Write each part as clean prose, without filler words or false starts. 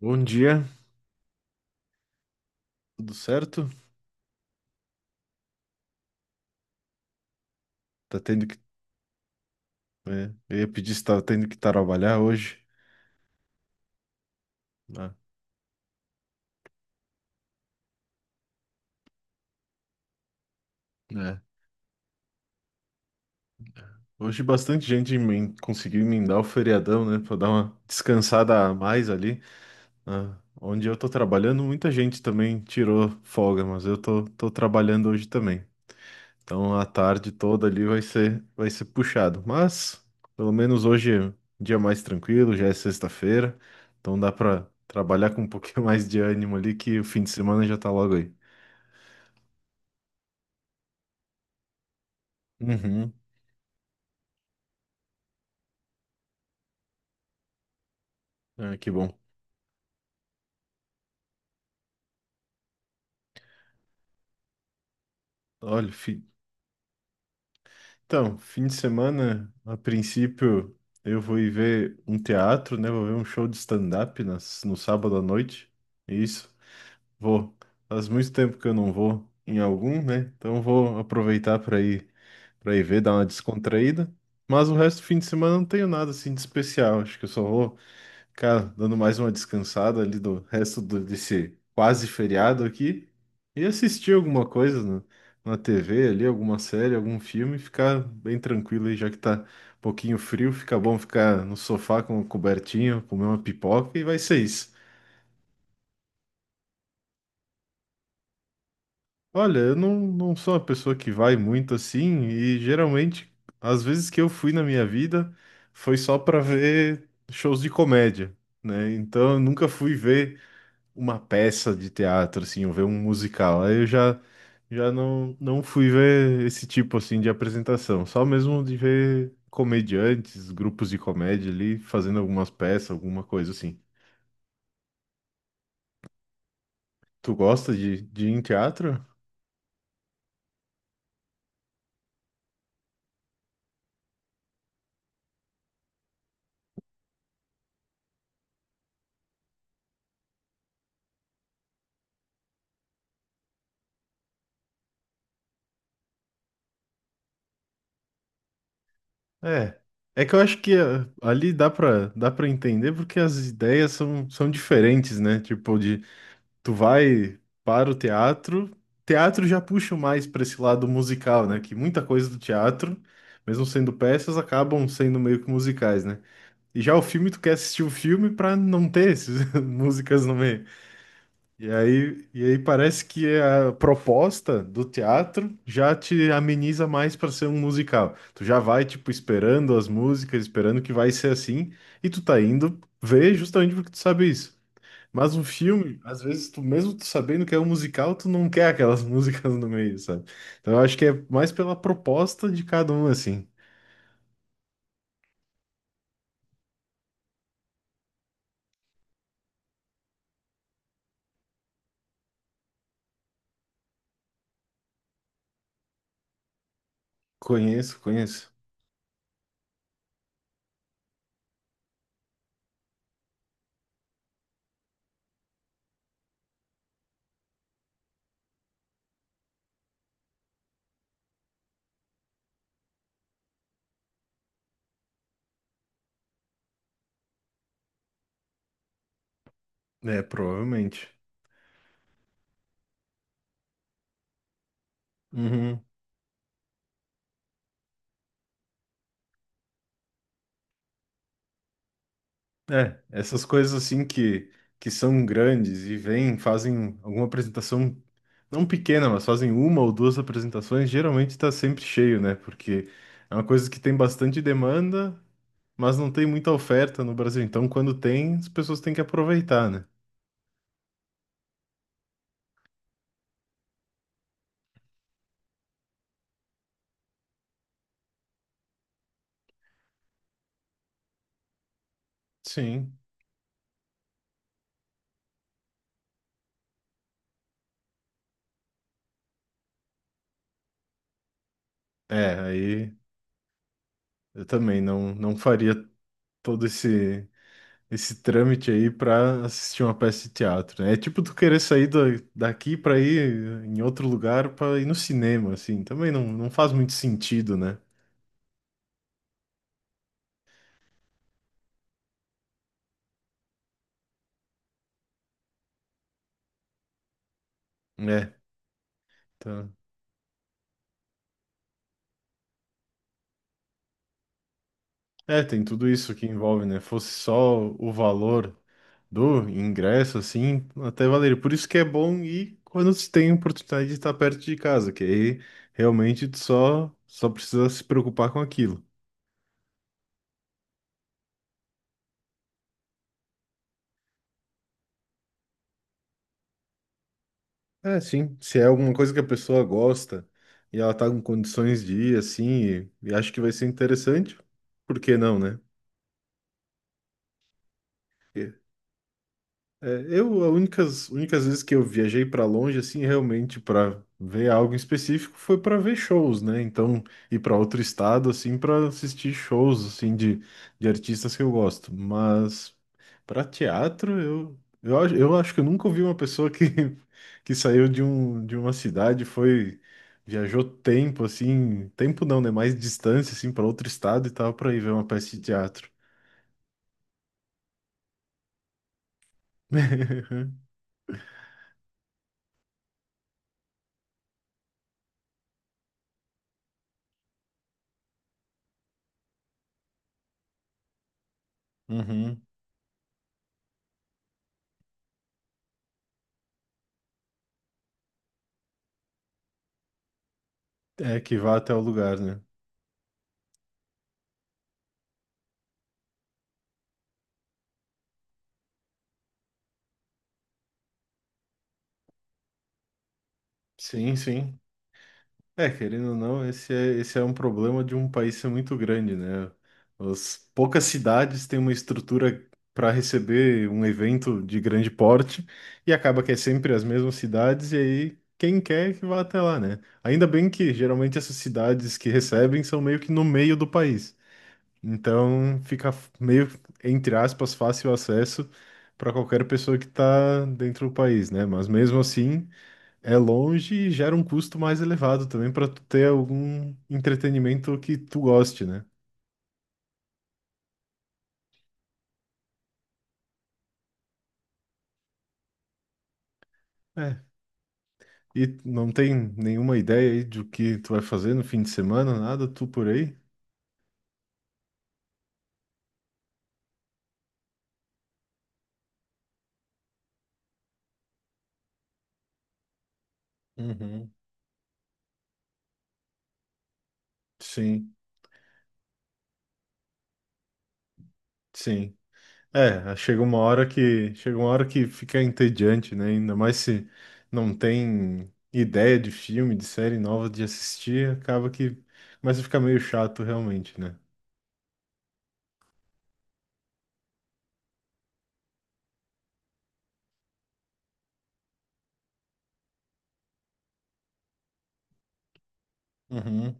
Bom dia, tudo certo? Tá tendo que. É, eu ia pedir se tava tendo que trabalhar hoje. Ah, é. Hoje bastante gente conseguiu emendar o feriadão, né? Pra dar uma descansada a mais ali. Ah, onde eu tô trabalhando, muita gente também tirou folga, mas eu tô trabalhando hoje também. Então a tarde toda ali vai ser puxado. Mas pelo menos hoje é um dia mais tranquilo, já é sexta-feira. Então dá pra trabalhar com um pouquinho mais de ânimo ali, que o fim de semana já tá logo aí. Uhum. Ah, que bom. Olha, então, fim de semana, a princípio, eu vou ir ver um teatro, né? Vou ver um show de stand-up no sábado à noite. Isso, vou. Faz muito tempo que eu não vou em algum, né? Então vou aproveitar para ir ver, dar uma descontraída. Mas o resto do fim de semana eu não tenho nada assim de especial. Acho que eu só vou. Cara, dando mais uma descansada ali do desse quase feriado aqui e assistir alguma coisa na TV ali, alguma série, algum filme, e ficar bem tranquilo aí, já que tá um pouquinho frio, fica bom ficar no sofá com uma cobertinha, comer uma pipoca e vai ser isso. Olha, eu não sou uma pessoa que vai muito assim e geralmente, às vezes que eu fui na minha vida, foi só pra ver shows de comédia, né? Então eu nunca fui ver uma peça de teatro, assim, ou ver um musical. Aí já não fui ver esse tipo, assim, de apresentação. Só mesmo de ver comediantes, grupos de comédia ali, fazendo algumas peças, alguma coisa assim. Tu gosta de ir em teatro? É. É que eu acho que ah, ali dá pra entender porque as ideias são diferentes, né? Tipo, de tu vai para o teatro, teatro já puxa mais para esse lado musical, né? Que muita coisa do teatro, mesmo sendo peças, acabam sendo meio que musicais, né? E já o filme, tu quer assistir o filme para não ter essas músicas no meio. E aí parece que a proposta do teatro já te ameniza mais para ser um musical. Tu já vai, tipo, esperando as músicas, esperando que vai ser assim, e tu tá indo ver justamente porque tu sabe isso. Mas um filme, às vezes, tu mesmo tu sabendo que é um musical, tu não quer aquelas músicas no meio, sabe? Então eu acho que é mais pela proposta de cada um, assim. Conheço, conheço. É, provavelmente. Uhum. É, essas coisas assim que são grandes e vêm, fazem alguma apresentação, não pequena, mas fazem uma ou duas apresentações, geralmente tá sempre cheio, né? Porque é uma coisa que tem bastante demanda, mas não tem muita oferta no Brasil. Então, quando tem, as pessoas têm que aproveitar, né? Sim. É, aí eu também não faria todo esse trâmite aí pra assistir uma peça de teatro, né? É tipo tu querer sair daqui pra ir em outro lugar pra ir no cinema, assim. Também não faz muito sentido, né? É, tá. É, tem tudo isso que envolve, né? Fosse só o valor do ingresso, assim, até valeria. Por isso que é bom ir quando se tem a oportunidade de estar perto de casa, que aí realmente só precisa se preocupar com aquilo. É, sim. Se é alguma coisa que a pessoa gosta e ela tá com condições de ir, assim, e acho que vai ser interessante, por que não, né? É, eu, as únicas vezes que eu viajei para longe, assim, realmente para ver algo em específico, foi para ver shows, né? Então, ir para outro estado, assim, para assistir shows, assim, de artistas que eu gosto. Mas para teatro, eu acho que eu nunca ouvi uma pessoa que, que saiu de, um, de uma cidade, foi, viajou tempo, assim, tempo não, né? Mais distância, assim, para outro estado e tal, para ir ver uma peça de teatro. Uhum. É, que vá até o lugar, né? Sim, sim. É, querendo ou não, esse é um problema de um país ser muito grande, né? As poucas cidades têm uma estrutura para receber um evento de grande porte e acaba que é sempre as mesmas cidades, e aí quem quer que vá até lá, né? Ainda bem que geralmente essas cidades que recebem são meio que no meio do país. Então fica meio, entre aspas, fácil acesso para qualquer pessoa que está dentro do país, né? Mas mesmo assim. É longe e gera um custo mais elevado também para tu ter algum entretenimento que tu goste, né? É. E não tem nenhuma ideia aí do que tu vai fazer no fim de semana, nada, tu por aí? Uhum. Sim, sim. É, chega uma hora que fica entediante, né? Ainda mais se não tem ideia de filme, de série nova de assistir, acaba que começa a ficar meio chato realmente, né? Uhum.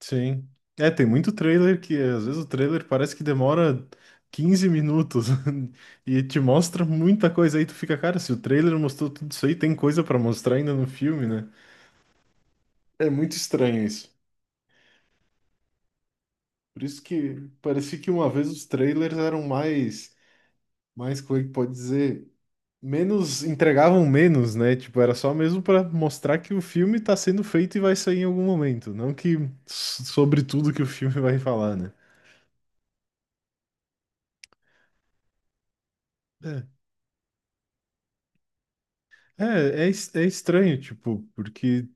Sim. É, tem muito trailer que às vezes o trailer parece que demora 15 minutos e te mostra muita coisa aí, tu fica, cara, se o trailer mostrou tudo isso aí, tem coisa pra mostrar ainda no filme, né? É muito estranho isso. Por isso que parecia que uma vez os trailers eram mais como é que pode dizer, menos, entregavam menos, né? Tipo, era só mesmo pra mostrar que o filme tá sendo feito e vai sair em algum momento, não que sobre tudo que o filme vai falar, né? É, é estranho, tipo, porque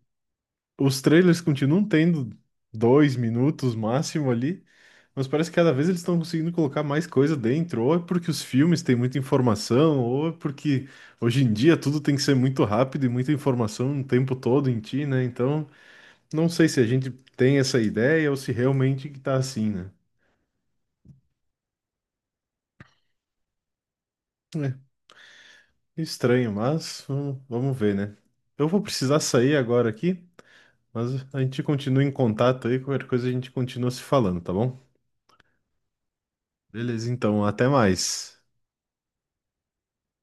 os trailers continuam tendo 2 minutos máximo ali, mas parece que cada vez eles estão conseguindo colocar mais coisa dentro, ou é porque os filmes têm muita informação, ou é porque hoje em dia tudo tem que ser muito rápido e muita informação o tempo todo em ti, né? Então, não sei se a gente tem essa ideia ou se realmente que tá assim, né? É, estranho, mas vamos ver, né? Eu vou precisar sair agora aqui. Mas a gente continua em contato aí, qualquer coisa a gente continua se falando, tá bom? Beleza, então, até mais.